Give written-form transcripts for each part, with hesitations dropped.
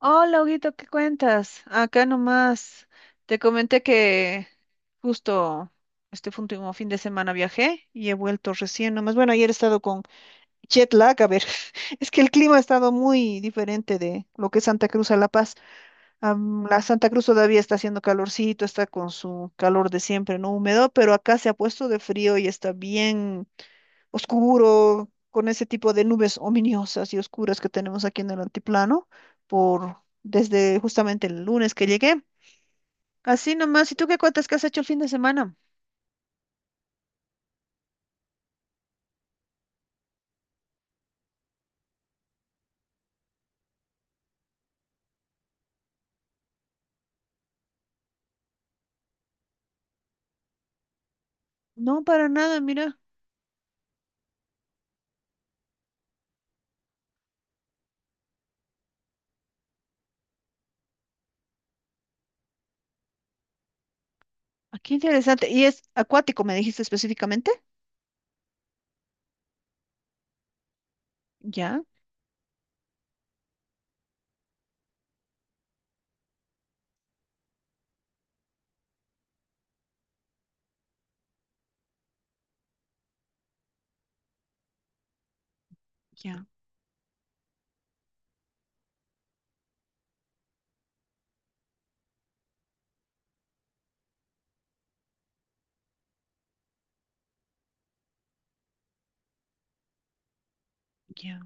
Hola, Huguito, ¿qué cuentas? Acá nomás te comenté que justo fue último fin de semana viajé y he vuelto recién nomás. Bueno, ayer he estado con jet lag, a ver, es que el clima ha estado muy diferente de lo que es Santa Cruz a La Paz. La Santa Cruz todavía está haciendo calorcito, está con su calor de siempre, no húmedo, pero acá se ha puesto de frío y está bien oscuro, con ese tipo de nubes ominosas y oscuras que tenemos aquí en el antiplano, por desde justamente el lunes que llegué. Así nomás, ¿y tú qué cuentas que has hecho el fin de semana? No, para nada, mira. Ah, qué interesante. ¿Y es acuático, me dijiste específicamente? Ya, ya, ya.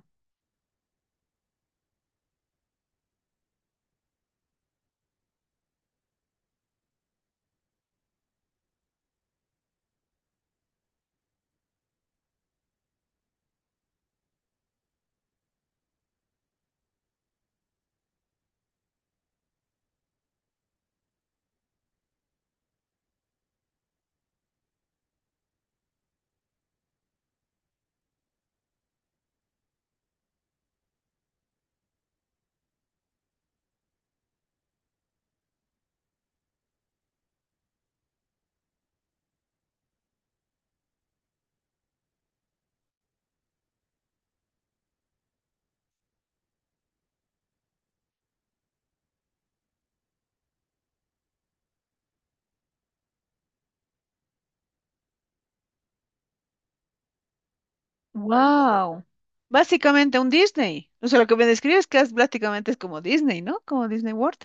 Wow. Básicamente un Disney. O sea, lo que me describes que es prácticamente es como Disney, ¿no? Como Disney World.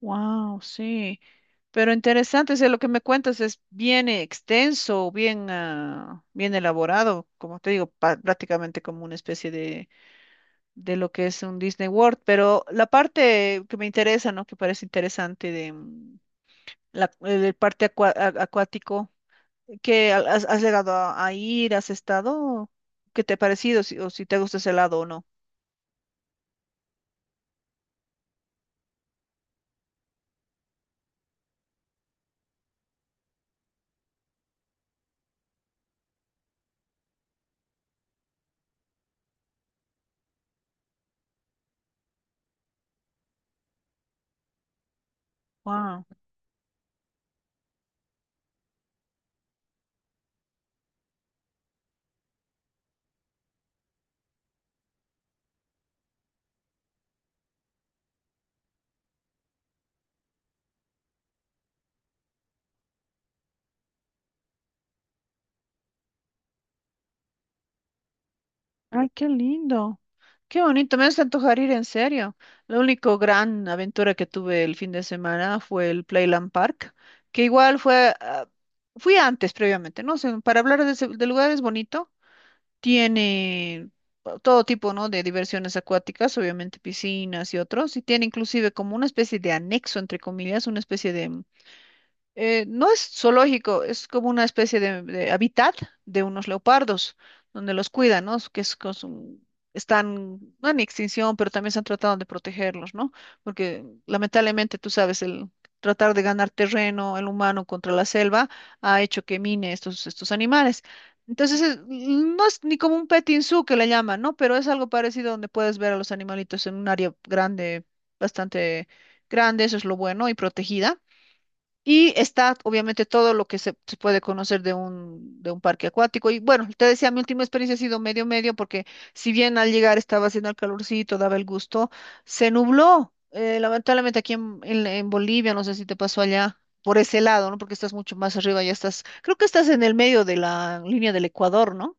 Wow, sí. Pero interesante, o sea, lo que me cuentas es bien extenso, bien, ah, bien elaborado, como te digo, pa- prácticamente como una especie de lo que es un Disney World. Pero la parte que me interesa, ¿no? Que parece interesante de la, el parte acua- a- acuático, que ha- has, has llegado a ir, has estado, ¿qué te ha parecido? Si- o si te gusta ese lado o no. Wow. Ay, qué lindo. Qué bonito, me hace antojar ir en serio. La única gran aventura que tuve el fin de semana fue el Playland Park, que igual fue, ah, fui antes previamente, no sé, para hablar de, ese- del lugar es bonito, tiene todo tipo, ¿no? de diversiones acuáticas, obviamente piscinas y otros, y tiene inclusive como una especie de anexo, entre comillas, una especie de no es zoológico, es como una especie de hábitat de unos leopardos, donde los cuidan, ¿no? Que es, cos- un- están, no en extinción, pero también se han tratado de protegerlos, ¿no? Porque lamentablemente, tú sabes, el tratar de ganar terreno, el humano contra la selva, ha hecho que mine estos, estos animales. Entonces, es- no es ni como un petting zoo que le llaman, ¿no? Pero es algo parecido donde puedes ver a los animalitos en un área grande, bastante grande, eso es lo bueno, y protegida. Y está obviamente todo lo que se puede conocer de un parque acuático. Y bueno, te decía, mi última experiencia ha sido medio medio porque si bien al llegar estaba haciendo el calorcito, daba el gusto, se nubló. Lamentablemente aquí en Bolivia, no sé si te pasó allá por ese lado, ¿no? Porque estás mucho más arriba, ya estás, creo que estás en el medio de la línea del Ecuador, ¿no?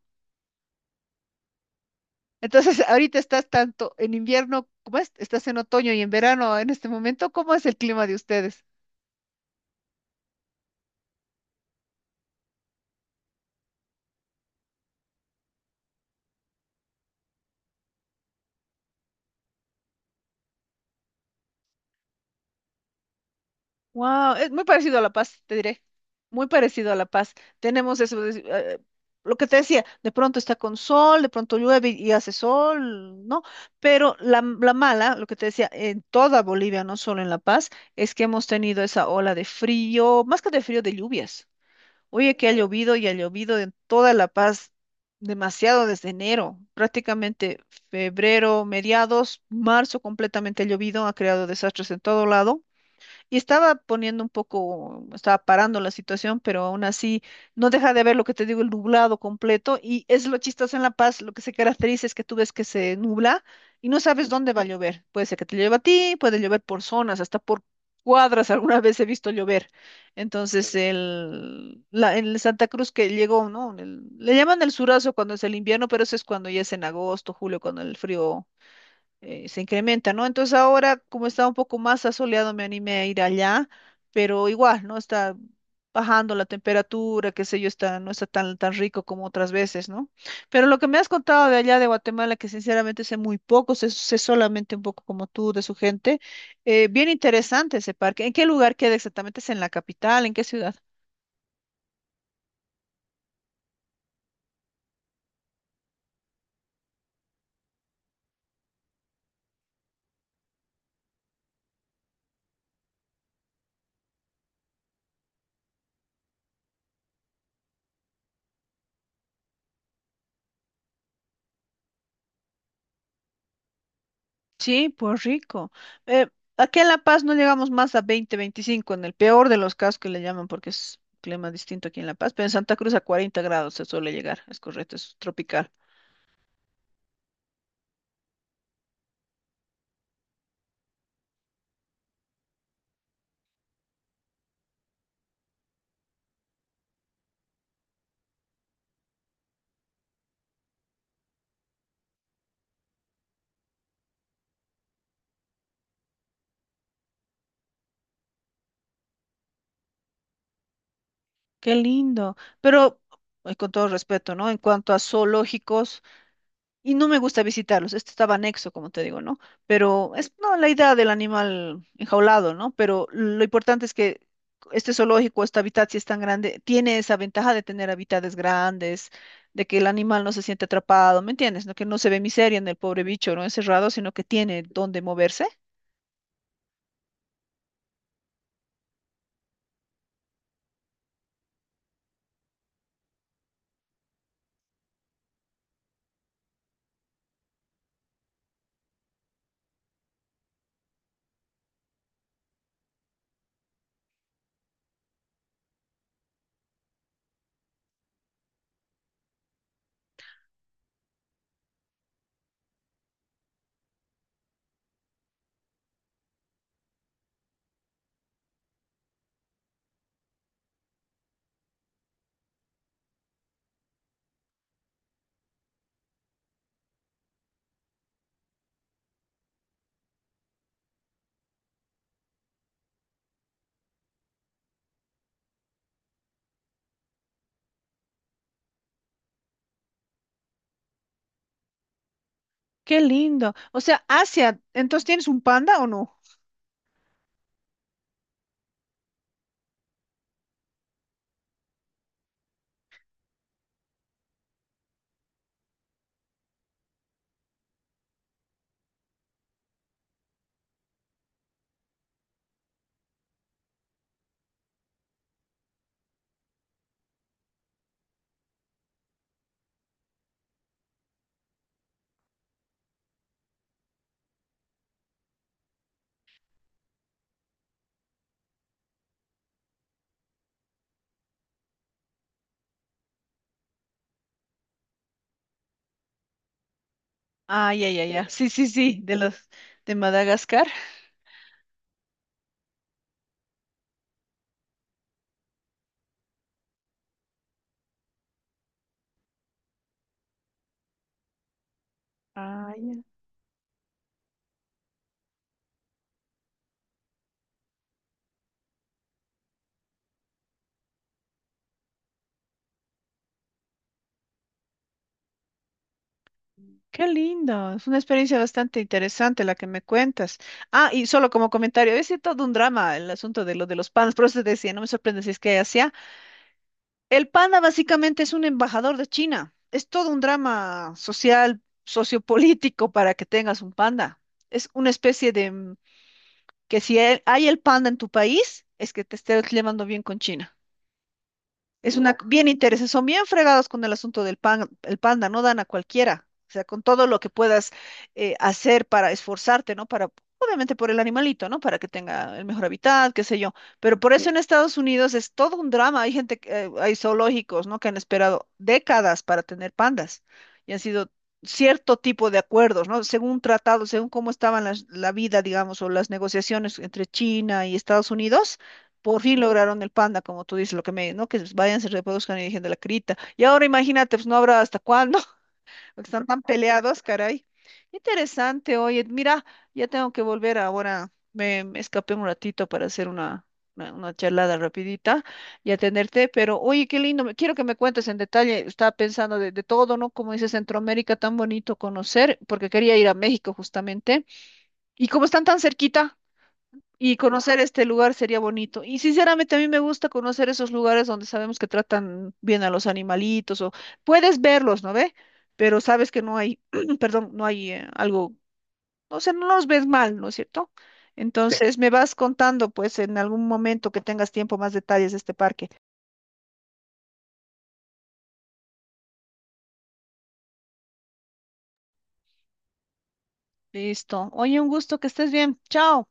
Entonces, ahorita estás tanto en invierno, ¿cómo es? Estás en otoño y en verano en este momento. ¿Cómo es el clima de ustedes? Wow, es muy parecido a La Paz, te diré. Muy parecido a La Paz. Tenemos eso, de- lo que te decía, de pronto está con sol, de pronto llueve y hace sol, ¿no? Pero la mala, lo que te decía, en toda Bolivia, no solo en La Paz, es que hemos tenido esa ola de frío, más que de frío, de lluvias. Oye, que ha llovido y ha llovido en toda La Paz demasiado desde enero, prácticamente febrero, mediados, marzo completamente ha llovido, ha creado desastres en todo lado y estaba poniendo un poco, estaba parando la situación, pero aún así no deja de ver lo que te digo, el nublado completo, y es lo chistoso en La Paz, lo que se caracteriza es que tú ves que se nubla y no sabes dónde va a llover. Puede ser que te llueva a ti, puede llover por zonas, hasta por cuadras, alguna vez he visto llover. Entonces, el, la, en el Santa Cruz que llegó, ¿no? El- le llaman el surazo cuando es el invierno, pero eso es cuando ya es en agosto, julio, cuando el frío se incrementa, ¿no? Entonces ahora, como está un poco más asoleado, me animé a ir allá, pero igual, ¿no? Está bajando la temperatura, qué sé yo, está, no está tan, tan rico como otras veces, ¿no? Pero lo que me has contado de allá de Guatemala, que sinceramente sé muy poco, sé, sé solamente un poco como tú de su gente, bien interesante ese parque. ¿En qué lugar queda exactamente? ¿Es en la capital? ¿En qué ciudad? Sí, pues rico. Eh, aquí en La Paz no llegamos más a 20, 25 en el peor de los casos que le llaman, porque es un clima distinto aquí en La Paz, pero en Santa Cruz a 40 grados se suele llegar, es correcto, es tropical. Qué lindo. Pero, con todo respeto, ¿no? En cuanto a zoológicos, y no me gusta visitarlos, este estaba anexo, como te digo, ¿no? Pero es, no, la idea del animal enjaulado, ¿no? Pero lo importante es que este zoológico, este hábitat, si es tan grande, tiene esa ventaja de tener hábitats grandes de que el animal no se siente atrapado, ¿me entiendes? No que no se ve miseria en el pobre bicho, ¿no? Encerrado, sino que tiene dónde moverse. Qué lindo. O sea, Asia, entonces ¿tienes un panda o no? Ay, ay, ay, ya. Sí, sí, sí, de los de Madagascar. Ay, qué lindo, es una experiencia bastante interesante la que me cuentas. Ah, y solo como comentario, es todo un drama el asunto de lo de los panas, por eso te decía, no me sorprende si es que hay Asia. El panda básicamente es un embajador de China, es todo un drama social, sociopolítico para que tengas un panda. Es una especie de que si el- hay el panda en tu país, es que te estés llevando bien con China. Es una bien interesante, son bien fregados con el asunto del pan, el panda, no dan a cualquiera. O sea, con todo lo que puedas hacer para esforzarte, ¿no? Para, obviamente por el animalito, ¿no? Para que tenga el mejor hábitat, qué sé yo. Pero por eso en Estados Unidos es todo un drama. Hay gente, que- hay zoológicos, ¿no? Que han esperado décadas para tener pandas y han sido cierto tipo de acuerdos, ¿no? Según tratados, según cómo estaban las, la vida, digamos, o las negociaciones entre China y Estados Unidos por fin lograron el panda, como tú dices, lo que me, ¿no? Que vayan, se reproduzcan y dejen de la crita. Y ahora imagínate, pues no habrá hasta cuándo, porque están tan peleados, caray. Interesante, oye, mira, ya tengo que volver ahora, me escapé un ratito para hacer una charlada rapidita y atenderte, pero oye, qué lindo, me- quiero que me cuentes en detalle, estaba pensando de todo, ¿no? Como dice Centroamérica, tan bonito conocer, porque quería ir a México justamente, y como están tan cerquita. Y conocer este lugar sería bonito. Y sinceramente a mí me gusta conocer esos lugares donde sabemos que tratan bien a los animalitos o puedes verlos, ¿no ve? Pero sabes que no hay, perdón, no hay algo, o sea, no los ves mal, ¿no es cierto? Sí. Entonces me vas contando pues en algún momento que tengas tiempo más detalles de este parque. Listo. Oye, un gusto que estés bien. Chao.